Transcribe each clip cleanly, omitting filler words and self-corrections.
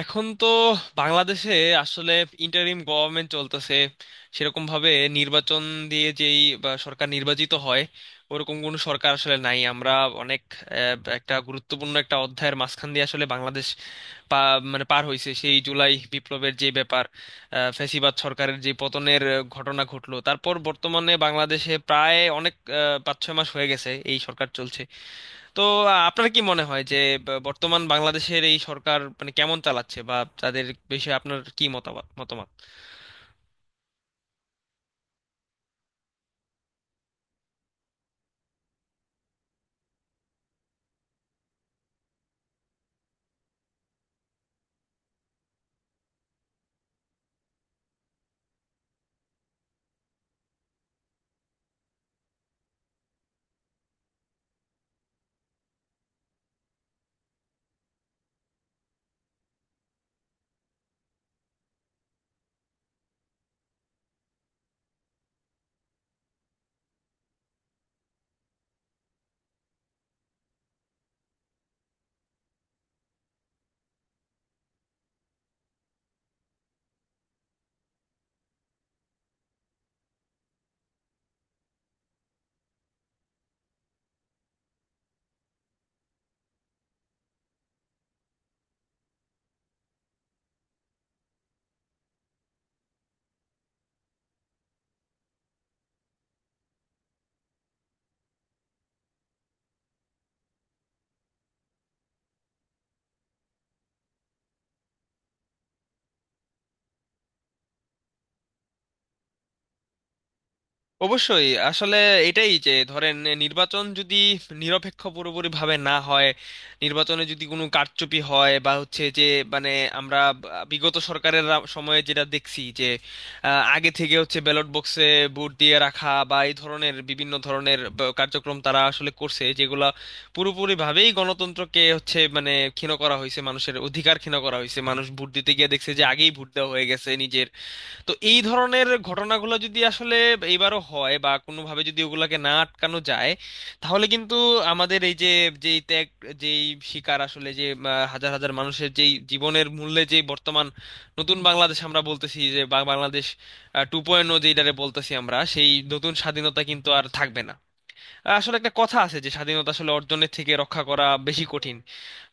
এখন তো বাংলাদেশে আসলে ইন্টারিম গভর্নমেন্ট চলতেছে। সেরকম ভাবে নির্বাচন দিয়ে যেই বা সরকার নির্বাচিত হয়, ওরকম কোনো সরকার আসলে নাই। আমরা অনেক একটা গুরুত্বপূর্ণ একটা অধ্যায়ের মাঝখান দিয়ে আসলে বাংলাদেশ পা মানে পার হয়েছে। সেই জুলাই বিপ্লবের যে ব্যাপার, ফ্যাসিবাদ সরকারের যে পতনের ঘটনা ঘটলো, তারপর বর্তমানে বাংলাদেশে প্রায় অনেক 5-6 মাস হয়ে গেছে এই সরকার চলছে। তো আপনার কি মনে হয় যে বর্তমান বাংলাদেশের এই সরকার মানে কেমন চালাচ্ছে, বা তাদের বিষয়ে আপনার কি মতামত মতামত? অবশ্যই। আসলে এটাই, যে ধরেন নির্বাচন যদি নিরপেক্ষ পুরোপুরি ভাবে না হয়, নির্বাচনে যদি কোনো কারচুপি হয় বা হচ্ছে যে, মানে আমরা বিগত সরকারের সময়ে যেটা দেখছি যে, আগে থেকে হচ্ছে ব্যালট বক্সে ভোট দিয়ে রাখা বা এই ধরনের বিভিন্ন ধরনের কার্যক্রম তারা আসলে করছে, যেগুলা পুরোপুরি ভাবেই গণতন্ত্রকে হচ্ছে মানে ক্ষীণ করা হয়েছে, মানুষের অধিকার ক্ষীণ করা হয়েছে, মানুষ ভোট দিতে গিয়ে দেখছে যে আগেই ভোট দেওয়া হয়ে গেছে নিজের। তো এই ধরনের ঘটনাগুলো যদি আসলে এবারও হয় বা কোনোভাবে যদি ওগুলাকে না আটকানো যায়, তাহলে কিন্তু আমাদের এই যে যেই ত্যাগ, যেই শিকার আসলে, যে হাজার হাজার মানুষের যেই জীবনের মূল্যে যে বর্তমান নতুন বাংলাদেশ আমরা বলতেছি, যে বাংলাদেশ 2.0 যেটারে বলতেছি আমরা, সেই নতুন স্বাধীনতা কিন্তু আর থাকবে না। আসলে একটা কথা আছে যে স্বাধীনতা আসলে অর্জনের থেকে রক্ষা করা বেশি কঠিন।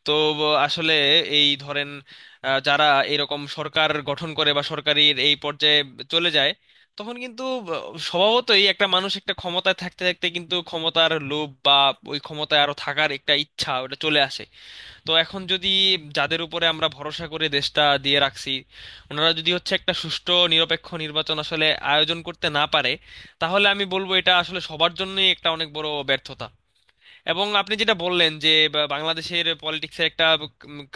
তো আসলে এই ধরেন, যারা এরকম সরকার গঠন করে বা সরকারের এই পর্যায়ে চলে যায়, তখন কিন্তু স্বভাবতই একটা মানুষ একটা ক্ষমতায় থাকতে থাকতে কিন্তু ক্ষমতার লোভ বা ওই ক্ষমতায় আরো থাকার একটা ইচ্ছা, ওটা চলে আসে। তো এখন যদি যাদের উপরে আমরা ভরসা করে দেশটা দিয়ে রাখছি, ওনারা যদি হচ্ছে একটা সুষ্ঠু নিরপেক্ষ নির্বাচন আসলে আয়োজন করতে না পারে, তাহলে আমি বলবো এটা আসলে সবার জন্যই একটা অনেক বড় ব্যর্থতা। এবং আপনি যেটা বললেন যে বাংলাদেশের পলিটিক্সের একটা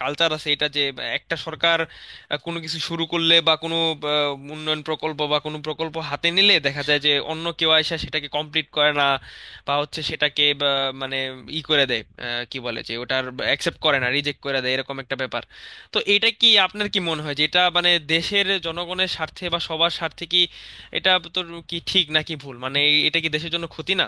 কালচার আছে, এটা যে একটা সরকার কোনো কিছু শুরু করলে বা কোনো উন্নয়ন প্রকল্প বা কোনো প্রকল্প হাতে নিলে দেখা যায় যে অন্য কেউ এসে সেটাকে কমপ্লিট করে না, বা হচ্ছে সেটাকে বা, মানে ই করে দেয়, কি বলে, যে ওটার অ্যাকসেপ্ট করে না, রিজেক্ট করে দেয়, এরকম একটা ব্যাপার। তো এটা কি, আপনার কি মনে হয় যে এটা মানে দেশের জনগণের স্বার্থে বা সবার স্বার্থে কি এটা তো কি ঠিক নাকি ভুল, মানে এটা কি দেশের জন্য ক্ষতি না?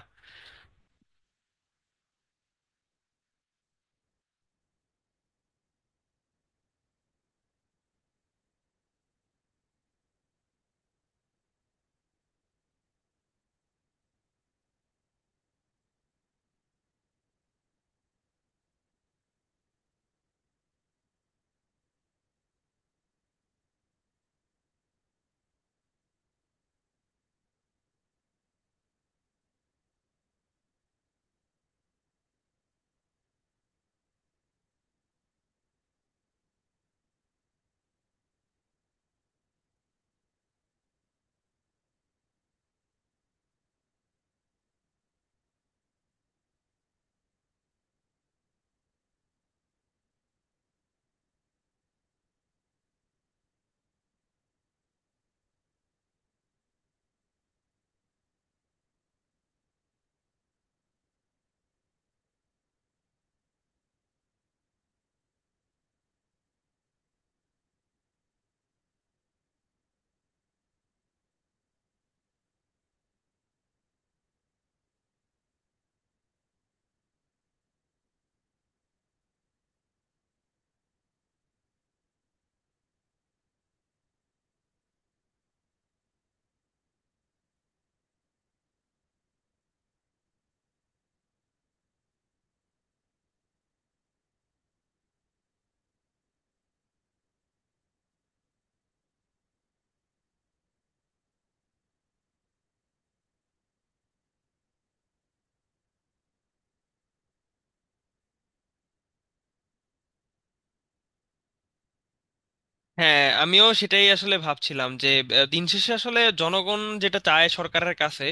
হ্যাঁ, আমিও সেটাই আসলে ভাবছিলাম যে আহ, দিন শেষে আসলে জনগণ যেটা চায় সরকারের কাছে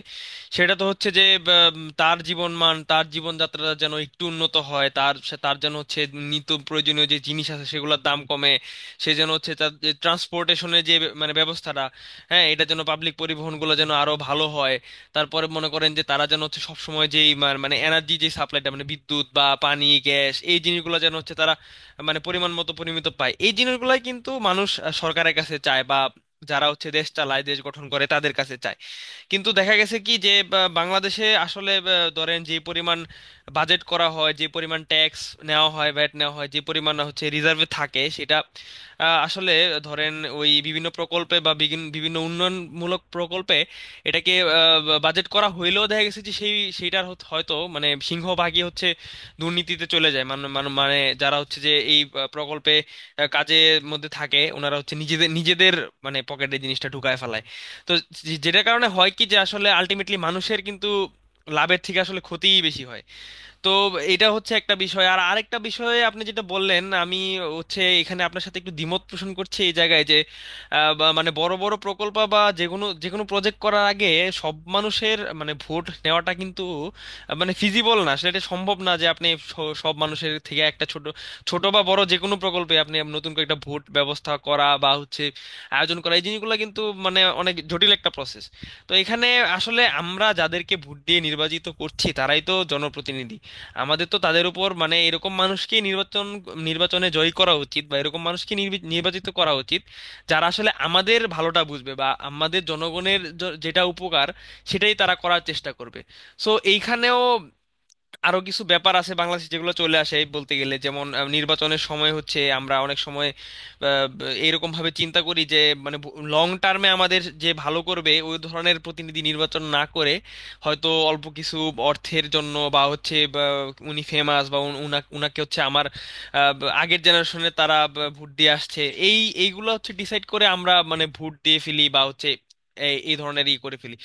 সেটা তো হচ্ছে যে তার জীবনমান, তার জীবনযাত্রা যেন একটু উন্নত হয়, তার তার যেন হচ্ছে নিত্য প্রয়োজনীয় যে জিনিস আছে সেগুলোর দাম কমে, সে যেন হচ্ছে তার ট্রান্সপোর্টেশনের যে transportation এর যে বে- মানে ব্যবস্থাটা, হ্যাঁ এটা যেন, পাবলিক পরিবহনগুলো যেন আরো ভালো হয়। তারপরে মনে করেন যে তারা যেন হচ্ছে সবসময় যেই মা- মানে এনার্জি, যে সাপ্লাইটা, মানে বিদ্যুৎ বা পানি, গ্যাস, এই জিনিসগুলো যেন হচ্ছে তারা মানে পরিমাণ মতো, পরিমিত পায়। এই জিনিসগুলাই কিন্তু মানুষ সরকারের কাছে চায়, বা যারা হচ্ছে দেশ চালায়, দেশ গঠন করে, তাদের কাছে চায়। কিন্তু দেখা গেছে কি যে বাংলাদেশে আসলে ধরেন, যে পরিমাণ বাজেট করা হয়, যে পরিমাণ ট্যাক্স নেওয়া হয়, ভ্যাট নেওয়া হয়, যে পরিমাণ হচ্ছে রিজার্ভে থাকে, সেটা আসলে ধরেন ওই বিভিন্ন প্রকল্পে বা বিভিন্ন উন্নয়নমূলক প্রকল্পে এটাকে বাজেট করা হইলেও দেখা গেছে যে সেই সেইটার হয়তো মানে সিংহভাগই হচ্ছে দুর্নীতিতে চলে যায়। মানে মানে মানে যারা হচ্ছে যে এই প্রকল্পে কাজের মধ্যে থাকে, ওনারা হচ্ছে নিজেদের নিজেদের মানে পকেটে জিনিসটা ঢুকায় ফেলায়। তো যেটার কারণে হয় কি, যে আসলে আলটিমেটলি মানুষের কিন্তু লাভের থেকে আসলে ক্ষতিই বেশি হয়। তো এটা হচ্ছে একটা বিষয়। আর আরেকটা বিষয়ে আপনি যেটা বললেন, আমি হচ্ছে এখানে আপনার সাথে একটু দ্বিমত পোষণ করছি এই জায়গায়, যে বা মানে বড় বড় প্রকল্প বা যে কোনো প্রজেক্ট করার আগে সব মানুষের মানে ভোট নেওয়াটা কিন্তু মানে ফিজিবল না। আসলে এটা সম্ভব না যে আপনি সব মানুষের থেকে একটা ছোট ছোট বা বড় যে কোনো প্রকল্পে আপনি নতুন করে একটা ভোট ব্যবস্থা করা বা হচ্ছে আয়োজন করা, এই জিনিসগুলো কিন্তু মানে অনেক জটিল একটা প্রসেস। তো এখানে আসলে আমরা যাদেরকে ভোট দিয়ে নির্বাচিত করছি, তারাই তো জনপ্রতিনিধি। আমাদের তো তাদের উপর মানে এরকম মানুষকে নির্বাচনে জয়ী করা উচিত, বা এরকম মানুষকে নির্বাচিত করা উচিত যারা আসলে আমাদের ভালোটা বুঝবে, বা আমাদের জনগণের যেটা উপকার, সেটাই তারা করার চেষ্টা করবে। সো এইখানেও আরো কিছু ব্যাপার আছে বাংলাদেশে যেগুলো চলে আসে, এই বলতে গেলে, যেমন নির্বাচনের সময় হচ্ছে আমরা অনেক সময় এইরকম ভাবে চিন্তা করি যে, মানে লং টার্মে আমাদের যে ভালো করবে ওই ধরনের প্রতিনিধি নির্বাচন না করে হয়তো অল্প কিছু অর্থের জন্য, বা হচ্ছে বা উনি ফেমাস, বা উনাকে হচ্ছে আমার আগের জেনারেশনে তারা ভোট দিয়ে আসছে, এইগুলো হচ্ছে ডিসাইড করে আমরা মানে ভোট দিয়ে ফেলি, বা হচ্ছে এই এই ধরনের ই করে ফেলি।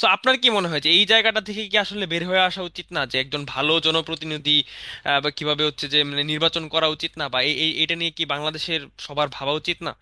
সো আপনার কি মনে হয় যে এই জায়গাটা থেকে কি আসলে বের হয়ে আসা উচিত না, যে একজন ভালো জনপ্রতিনিধি বা কিভাবে হচ্ছে যে মানে নির্বাচন করা উচিত না, বা এই এই- এটা নিয়ে কি বাংলাদেশের সবার ভাবা উচিত না?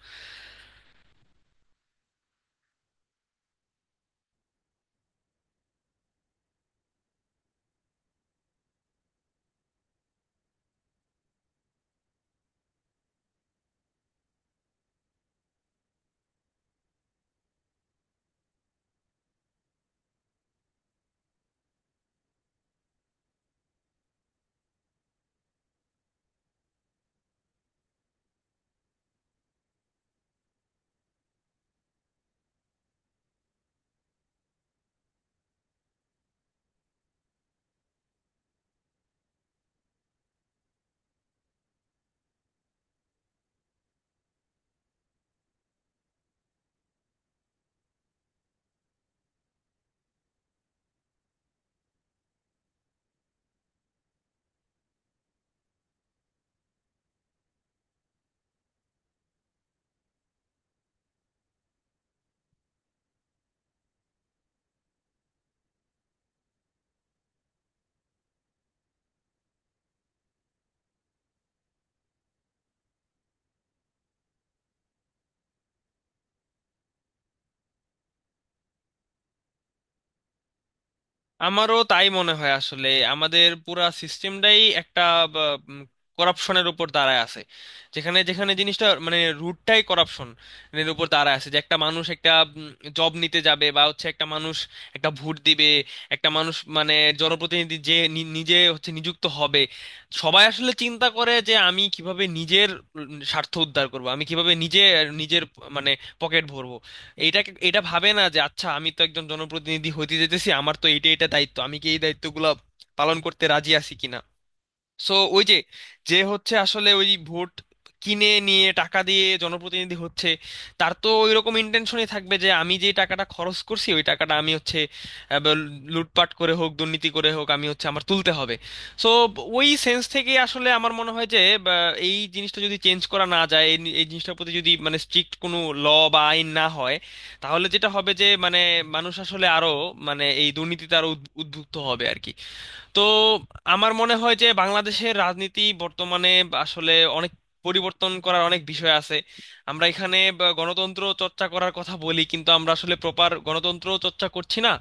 আমারও তাই মনে হয় আসলে। আমাদের পুরা সিস্টেমটাই একটা করাপশনের উপর দাঁড়ায় আছে। যেখানে যেখানে জিনিসটা মানে রুটটাই করাপশন এর উপর দাঁড়ায় আছে, যে একটা মানুষ একটা জব নিতে যাবে, বা হচ্ছে একটা মানুষ একটা ভোট দিবে, একটা মানুষ মানে জনপ্রতিনিধি যে নিজে হচ্ছে নিযুক্ত হবে, সবাই আসলে চিন্তা করে যে আমি কিভাবে নিজের স্বার্থ উদ্ধার করব, আমি কিভাবে নিজে নিজের মানে পকেট ভরবো। এইটা এটা ভাবে না যে আচ্ছা আমি তো একজন জনপ্রতিনিধি হতে যেতেছি, আমার তো এটা দায়িত্ব, আমি কি এই দায়িত্বগুলো পালন করতে রাজি আছি কিনা। সো ওই যে, যে হচ্ছে আসলে ওই ভোট কিনে নিয়ে টাকা দিয়ে জনপ্রতিনিধি হচ্ছে, তার তো ওই রকম ইন্টেনশনই থাকবে যে আমি যে টাকাটা খরচ করছি ওই টাকাটা আমি হচ্ছে বা লুটপাট করে হোক, দুর্নীতি করে হোক, আমি হচ্ছে আমার তুলতে হবে। সো ওই সেন্স থেকে আসলে আমার মনে হয় যে এই জিনিসটা যদি চেঞ্জ করা না যায়, এই এই জিনিসটার প্রতি যদি মানে স্ট্রিক্ট কোনো ল বা আইন না হয়, তাহলে যেটা হবে যে মানে মানুষ আসলে আরো মানে এই দুর্নীতিতে আরো উদ্বুদ্ধ হবে আর কি। তো আমার মনে হয় যে বাংলাদেশের রাজনীতি বর্তমানে আসলে অনেক পরিবর্তন করার অনেক বিষয় আছে। আমরা এখানে বা গণতন্ত্র চর্চা করার কথা বলি, কিন্তু আমরা আসলে প্রপার গণতন্ত্র চর্চা করছি না।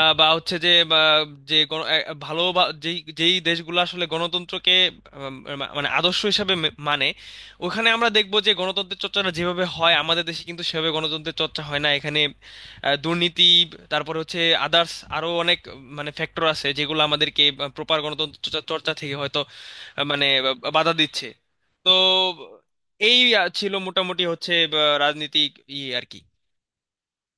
বা হচ্ছে যে বা যে ভালো বা যেই যেই দেশগুলো আসলে গণতন্ত্রকে মানে আদর্শ হিসাবে মানে ওখানে আমরা দেখবো যে গণতন্ত্রের চর্চাটা যেভাবে হয়, আমাদের দেশে কিন্তু সেভাবে গণতন্ত্রের চর্চা হয় না এখানে। দুর্নীতি, তারপরে হচ্ছে আদার্স, আরো অনেক মানে ফ্যাক্টর আছে যেগুলো আমাদেরকে প্রপার গণতন্ত্র চর্চা চর্চা থেকে হয়তো মানে বাধা দিচ্ছে। তো এই ছিল মোটামুটি হচ্ছে রাজনীতি ইয়ে আর কি।